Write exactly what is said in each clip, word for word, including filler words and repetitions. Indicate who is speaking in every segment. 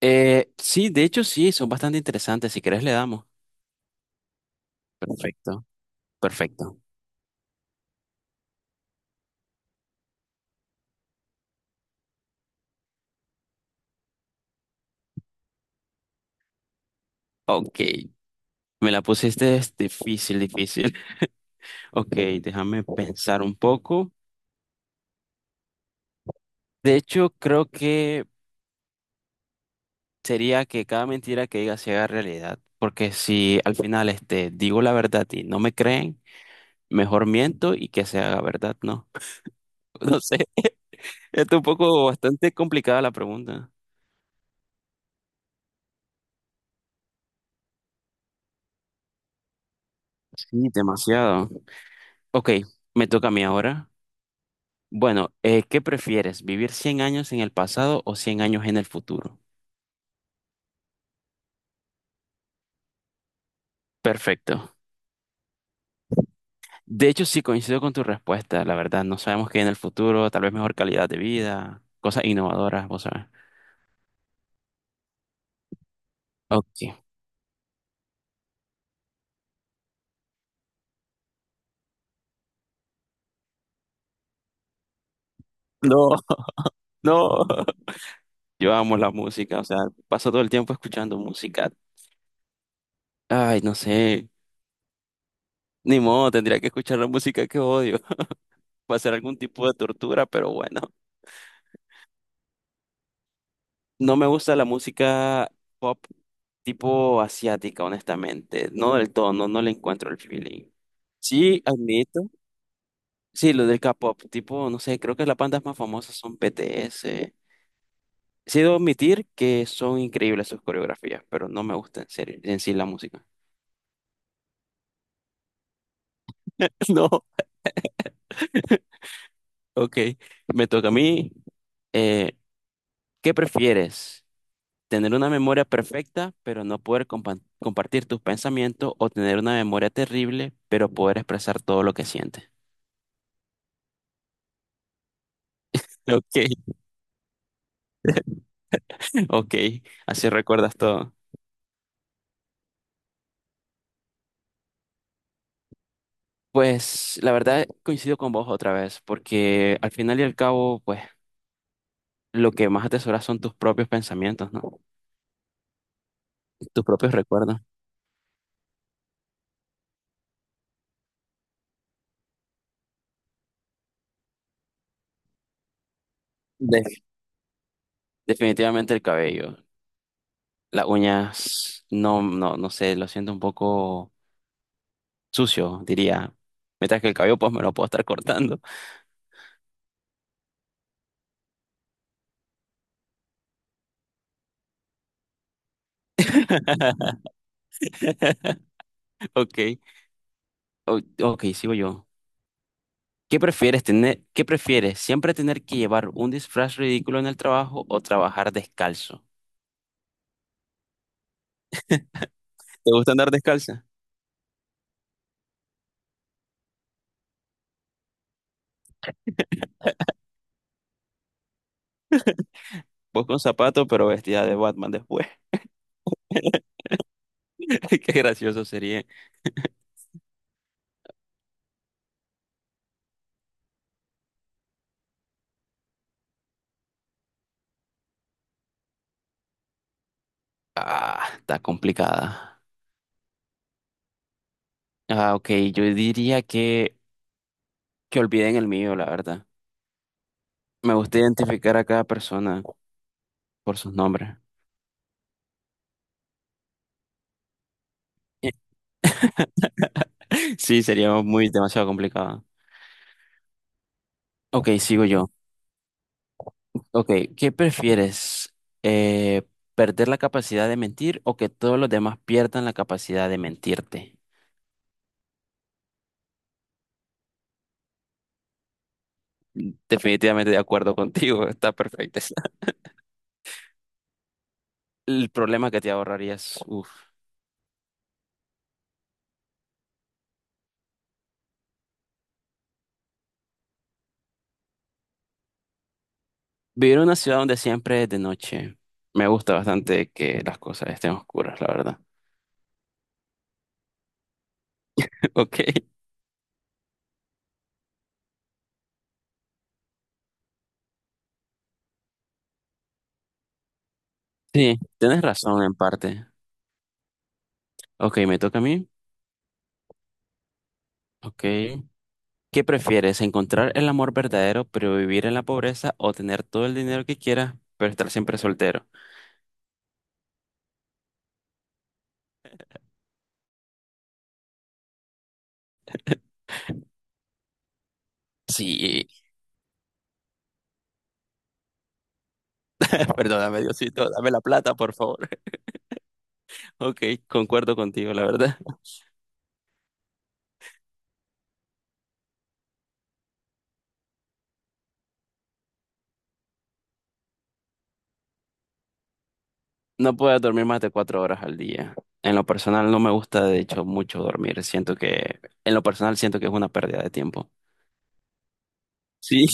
Speaker 1: Eh, sí, de hecho sí, son bastante interesantes. Si querés le damos. Perfecto, perfecto. Ok, me la pusiste es difícil, difícil. Ok, déjame pensar un poco. De hecho, creo que sería que cada mentira que diga se haga realidad. Porque si al final este, digo la verdad y no me creen, mejor miento y que se haga verdad, ¿no? No sé, es un poco bastante complicada la pregunta. Sí, demasiado. Ok, me toca a mí ahora. Bueno, eh, ¿qué prefieres? ¿Vivir cien años en el pasado o cien años en el futuro? Perfecto. De hecho, sí coincido con tu respuesta, la verdad. No sabemos qué hay en el futuro, tal vez mejor calidad de vida, cosas innovadoras, vos sabes. Ok. No, no. Yo amo la música, o sea, paso todo el tiempo escuchando música. Ay, no sé. Ni modo, tendría que escuchar la música que odio. Va a ser algún tipo de tortura, pero bueno. No me gusta la música pop tipo asiática, honestamente. No del todo, no, no le encuentro el feeling. Sí, admito. Sí, lo del K-pop, tipo, no sé, creo que las bandas más famosas son B T S. Sí, debo admitir que son increíbles sus coreografías, pero no me gusta en serio, en sí la música. No, ok, me toca a mí. Eh, ¿qué prefieres? ¿Tener una memoria perfecta, pero no poder compa- compartir tus pensamientos, o tener una memoria terrible, pero poder expresar todo lo que sientes? Ok. Ok, así recuerdas todo. Pues la verdad coincido con vos otra vez, porque al final y al cabo, pues lo que más atesoras son tus propios pensamientos, ¿no? Tus propios recuerdos. De- definitivamente el cabello. Las uñas, no, no, no sé, lo siento un poco sucio, diría. Mientras que el cabello, pues me lo puedo estar cortando. Ok, o- ok, sigo yo. ¿Qué prefieres tener, qué prefieres? ¿Siempre tener que llevar un disfraz ridículo en el trabajo o trabajar descalzo? ¿Te gusta andar descalza? Vos con zapato, pero vestida de Batman después. Qué gracioso sería. Ah, está complicada. Ah, ok, yo diría que, que olviden el mío, la verdad. Me gusta identificar a cada persona por sus nombres. Sí, sería muy demasiado complicado. Ok, sigo yo. Ok, ¿qué prefieres? Eh, ¿perder la capacidad de mentir o que todos los demás pierdan la capacidad de mentirte? Definitivamente de acuerdo contigo, está perfecto. El problema que te ahorrarías, uff. Vivir en una ciudad donde siempre es de noche. Me gusta bastante que las cosas estén oscuras, la verdad. Ok. Sí, tienes razón en parte. Ok, me toca a mí. Ok. ¿Qué prefieres? ¿Encontrar el amor verdadero pero vivir en la pobreza o tener todo el dinero que quieras pero estar siempre soltero? Sí, perdóname, Diosito, dame la plata, por favor. Ok, concuerdo contigo, la verdad. No puedo dormir más de cuatro horas al día. En lo personal no me gusta, de hecho, mucho dormir. Siento que, en lo personal siento que es una pérdida de tiempo. Sí,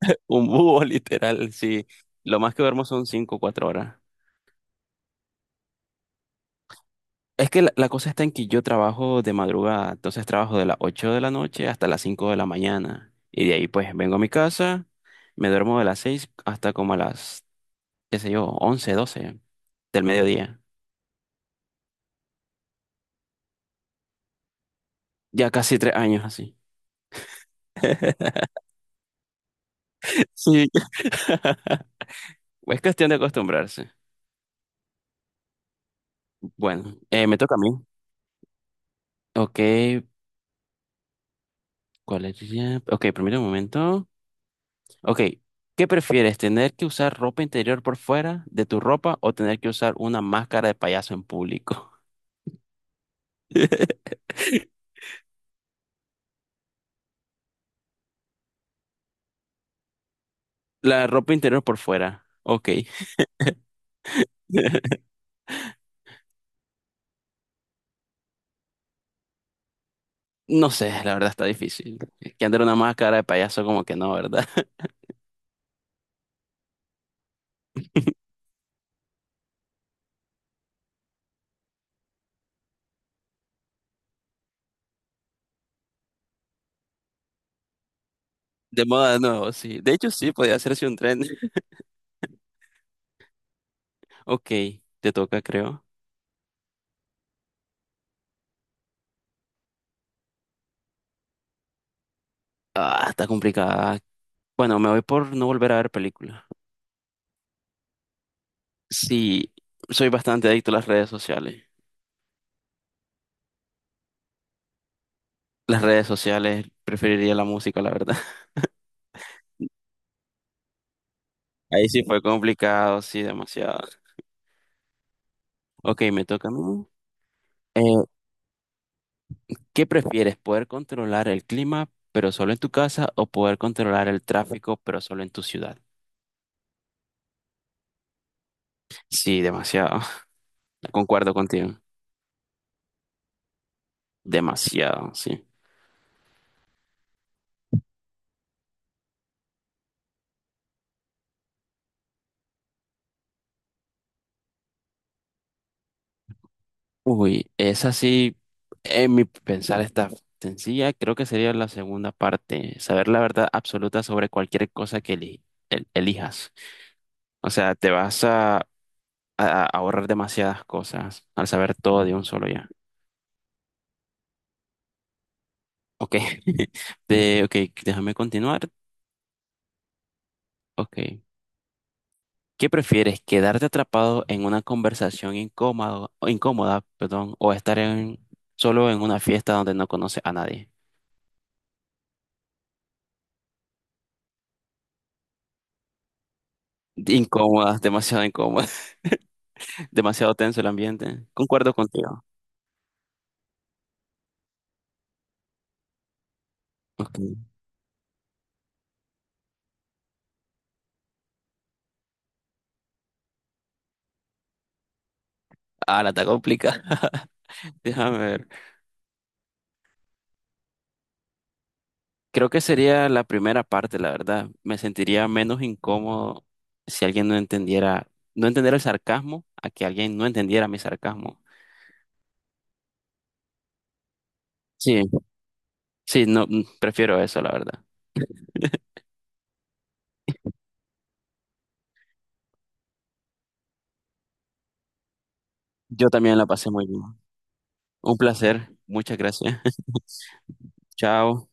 Speaker 1: un búho literal, sí. Lo más que duermo son cinco o cuatro horas. Es que la, la cosa está en que yo trabajo de madrugada, entonces trabajo de las ocho de la noche hasta las cinco de la mañana. Y de ahí pues vengo a mi casa, me duermo de las seis hasta como a las, qué sé yo, once doce del mediodía. Ya casi tres años así. Sí. Es cuestión de acostumbrarse. Bueno, eh, me toca a mí. Ok, ¿cuál es? Ok, permítame un momento. Ok, ¿qué prefieres? ¿Tener que usar ropa interior por fuera de tu ropa o tener que usar una máscara de payaso en público? La ropa interior por fuera. Ok. No sé, la verdad está difícil. Es que andar una máscara de payaso como que no, ¿verdad? De moda de nuevo, sí. De hecho, sí, podría hacerse un tren. Ok, te toca, creo. Ah, está complicada. Bueno, me voy por no volver a ver películas. Sí, soy bastante adicto a las redes sociales. Las redes sociales, preferiría la música, la verdad. Ahí sí fue complicado, sí, demasiado. Ok, me toca a mí. Eh, ¿qué prefieres? ¿Poder controlar el clima, pero solo en tu casa, o poder controlar el tráfico, pero solo en tu ciudad? Sí, demasiado. Concuerdo contigo. Demasiado, sí. Uy, esa sí, en mi pensar está sencilla. Creo que sería la segunda parte. Saber la verdad absoluta sobre cualquier cosa que eli- el- elijas. O sea, te vas a, a a ahorrar demasiadas cosas al saber todo de un solo ya. Ok, de, ok, déjame continuar. Ok, ¿qué prefieres? ¿Quedarte atrapado en una conversación incómodo, o incómoda, perdón, o estar en, solo en una fiesta donde no conoces a nadie? Incómoda, demasiado incómoda, demasiado tenso el ambiente. Concuerdo contigo. Ok. Ah, la está complicada. Déjame ver. Creo que sería la primera parte, la verdad. Me sentiría menos incómodo si alguien no entendiera, no entendiera el sarcasmo, a que alguien no entendiera mi sarcasmo. Sí, Sí, no, mm, prefiero eso, la verdad. Yo también la pasé muy bien. Un placer. Muchas gracias. Chao.